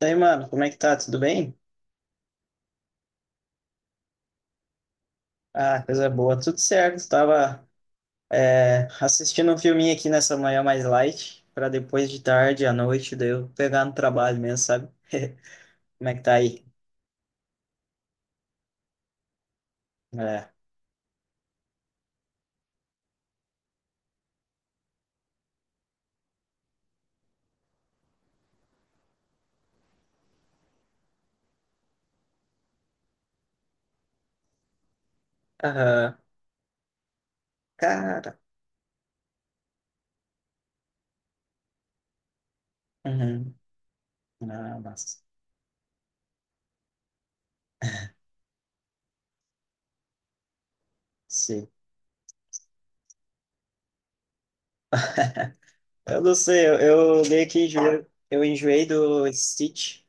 E aí, mano, como é que tá? Tudo bem? Ah, coisa boa, tudo certo. Tava, assistindo um filminho aqui nessa manhã mais light, pra depois de tarde, à noite, daí eu pegar no trabalho mesmo, sabe? Como é que tá aí? É. Aham. Cara. Uhum. Ah, nossa. Sim. Eu não sei, eu meio que enjoei, eu enjoei do Stitch.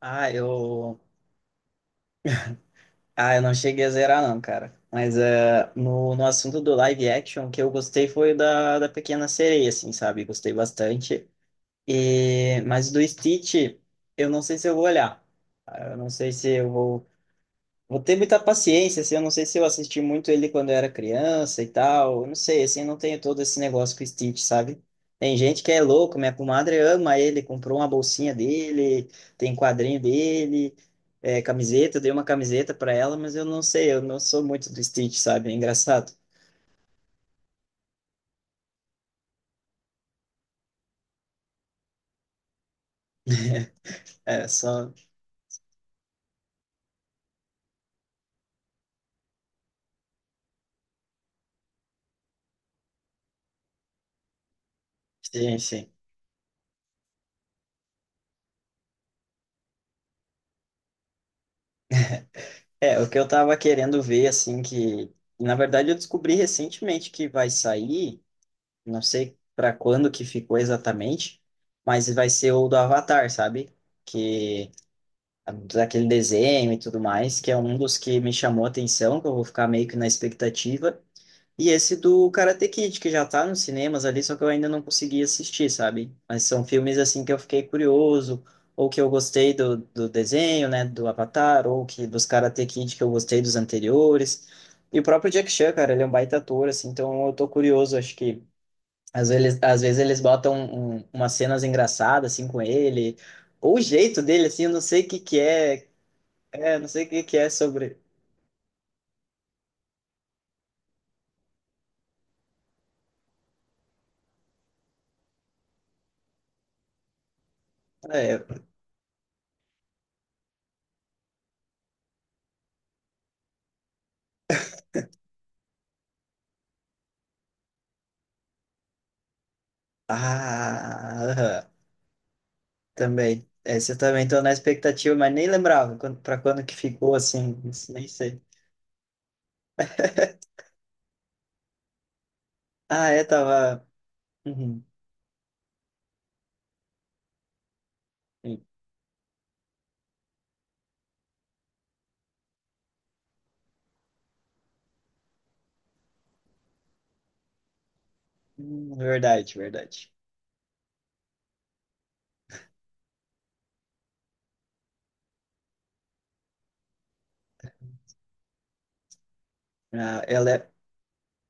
Ah, eu. Ah, eu não cheguei a zerar, não, cara. Mas é, no assunto do live action, o que eu gostei foi da Pequena Sereia, assim, sabe? Gostei bastante. E, mas do Stitch, eu não sei se eu vou olhar. Ah, eu não sei se eu vou. Vou ter muita paciência, assim, eu não sei se eu assisti muito ele quando eu era criança e tal, eu não sei, assim, eu não tenho todo esse negócio com o Stitch, sabe? Tem gente que é louco, minha comadre ama ele, comprou uma bolsinha dele, tem quadrinho dele, é, camiseta, eu dei uma camiseta pra ela, mas eu não sei, eu não sou muito do Stitch, sabe? É engraçado. É, só. Sim, sim. É, o que eu tava querendo ver, assim, que. Na verdade, eu descobri recentemente que vai sair. Não sei para quando que ficou exatamente, mas vai ser o do Avatar, sabe? Que daquele desenho e tudo mais, que é um dos que me chamou a atenção, que eu vou ficar meio que na expectativa. E esse do Karate Kid, que já tá nos cinemas ali, só que eu ainda não consegui assistir, sabe? Mas são filmes assim que eu fiquei curioso, ou que eu gostei do desenho, né, do Avatar, ou que dos Karate Kid que eu gostei dos anteriores. E o próprio Jack Chan, cara, ele é um baita ator, assim, então eu tô curioso, acho que às vezes eles botam umas cenas engraçadas assim com ele, ou o jeito dele assim, eu não sei o que que é, não sei o que que é sobre. É, ah, aham, também. Esse eu também tô na expectativa, mas nem lembrava quando, pra quando que ficou assim, isso nem sei. Ah, é, tava. Uhum. Verdade, verdade. Ah, ela é.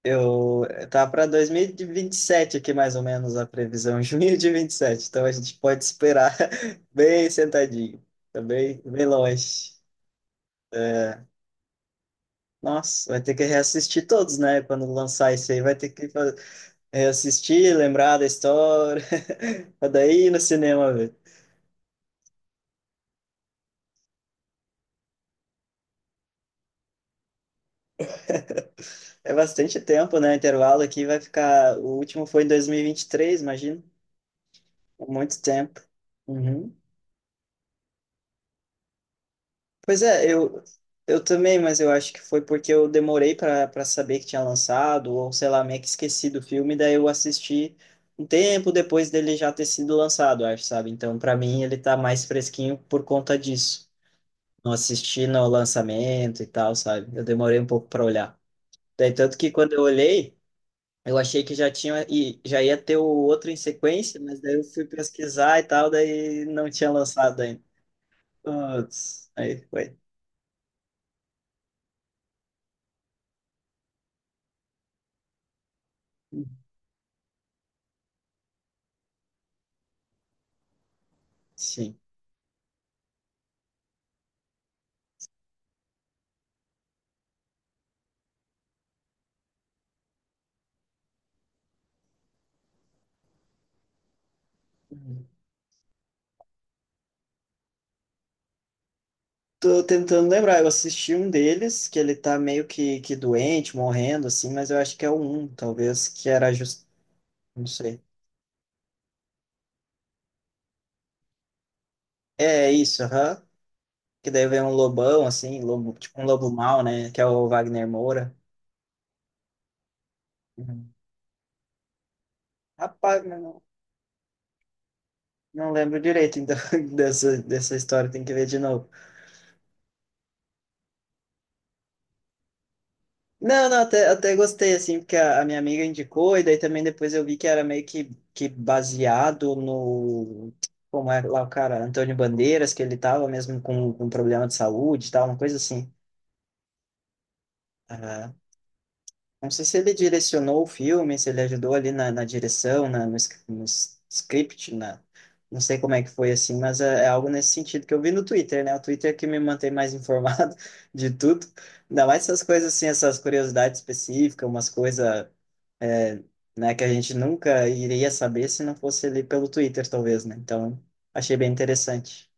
Eu Tá para dois mil e vinte e sete aqui mais ou menos a previsão, junho de 27. Então a gente pode esperar bem sentadinho, também bem bem longe. Nossa, vai ter que reassistir todos, né? Quando lançar isso aí, vai ter que reassistir, lembrar da história, pra daí ir no cinema ver. É bastante tempo, né? Intervalo aqui vai ficar. O último foi em dois mil e vinte e três, imagino. Muito tempo. Uhum. Pois é, eu também, mas eu acho que foi porque eu demorei para saber que tinha lançado, ou sei lá, meio que esqueci do filme, daí eu assisti um tempo depois dele já ter sido lançado, acho, sabe? Então, para mim, ele tá mais fresquinho por conta disso. Não assisti no lançamento e tal, sabe? Eu demorei um pouco para olhar. Daí, tanto que quando eu olhei, eu achei que já tinha e já ia ter o outro em sequência, mas daí eu fui pesquisar e tal, daí não tinha lançado ainda. Putz, aí foi. Sim. Tô tentando lembrar, eu assisti um deles, que ele tá meio que doente, morrendo, assim, mas eu acho que é o um, talvez, que era justo, não sei. É isso, aham. Que daí vem um lobão, assim, lobo, tipo um lobo mau, né? Que é o Wagner Moura. Uhum. Rapaz, mas não, não lembro direito, então, dessa história, tem que ver de novo. Não, não, até, até gostei, assim, porque a minha amiga indicou, e daí também depois eu vi que era meio que baseado no. Como é lá o cara, Antônio Bandeiras, que ele tava mesmo com problema de saúde e tal, uma coisa assim. Não sei se ele direcionou o filme, se ele ajudou ali na direção, na, no, sc- no s- script, na, não sei como é que foi assim, mas é, é algo nesse sentido que eu vi no Twitter, né? O Twitter é que me mantém mais informado de tudo. Ainda mais essas coisas assim, essas curiosidades específicas, umas coisas, é, né, que a gente nunca iria saber se não fosse ali pelo Twitter, talvez, né? Então, achei bem interessante.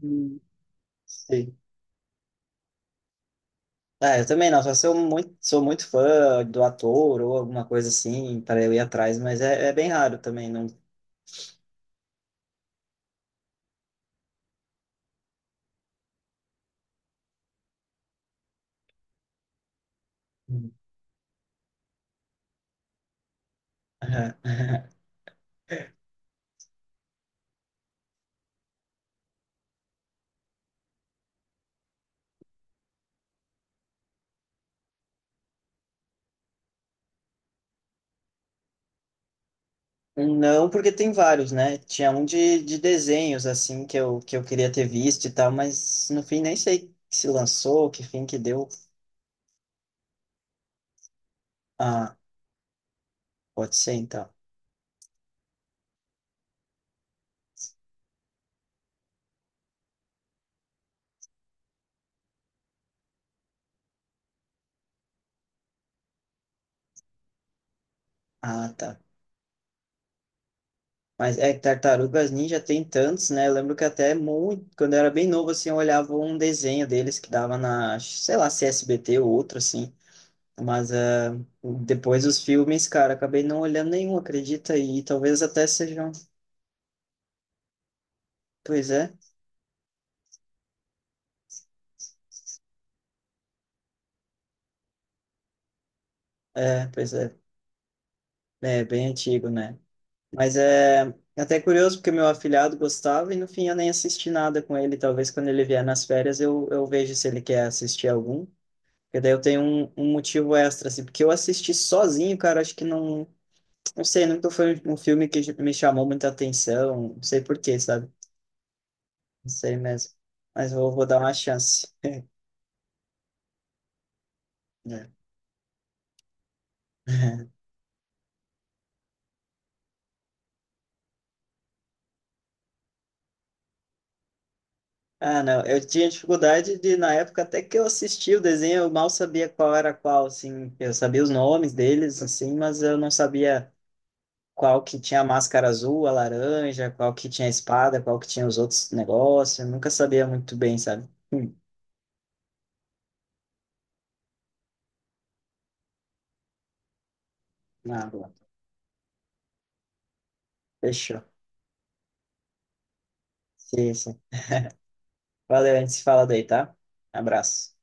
Hum. Sim. É, eu também não, só se eu muito, sou muito fã do ator ou alguma coisa assim, para eu ir atrás, mas é, é bem raro também, não. Não, porque tem vários, né? Tinha um de desenhos, assim, que eu queria ter visto e tal, mas no fim nem sei se lançou, que fim que deu. Ah, pode ser então. Ah, tá. Mas é que Tartarugas Ninja tem tantos, né? Eu lembro que até muito, quando eu era bem novo, assim, eu olhava um desenho deles que dava na, sei lá, se SBT ou outro, assim. Mas é, depois os filmes, cara, acabei não olhando nenhum, acredita? E talvez até sejam. Pois é, pois é. É bem antigo, né? Mas é até curioso porque meu afilhado gostava e no fim eu nem assisti nada com ele. Talvez quando ele vier nas férias eu vejo se ele quer assistir algum. Porque daí eu tenho um motivo extra, assim. Porque eu assisti sozinho, cara, acho que não. Não sei, nunca foi um filme que me chamou muita atenção. Não sei por quê, sabe? Não sei mesmo. Mas vou dar uma chance. Né? Ah, não. Eu tinha dificuldade de, na época, até que eu assisti o desenho, eu mal sabia qual era qual, assim. Eu sabia os nomes deles, assim, mas eu não sabia qual que tinha a máscara azul, a laranja, qual que tinha a espada, qual que tinha os outros negócios. Eu nunca sabia muito bem, sabe? Ah, boa. Fechou. Sim, sim. Valeu, a gente se fala daí, tá? Abraço.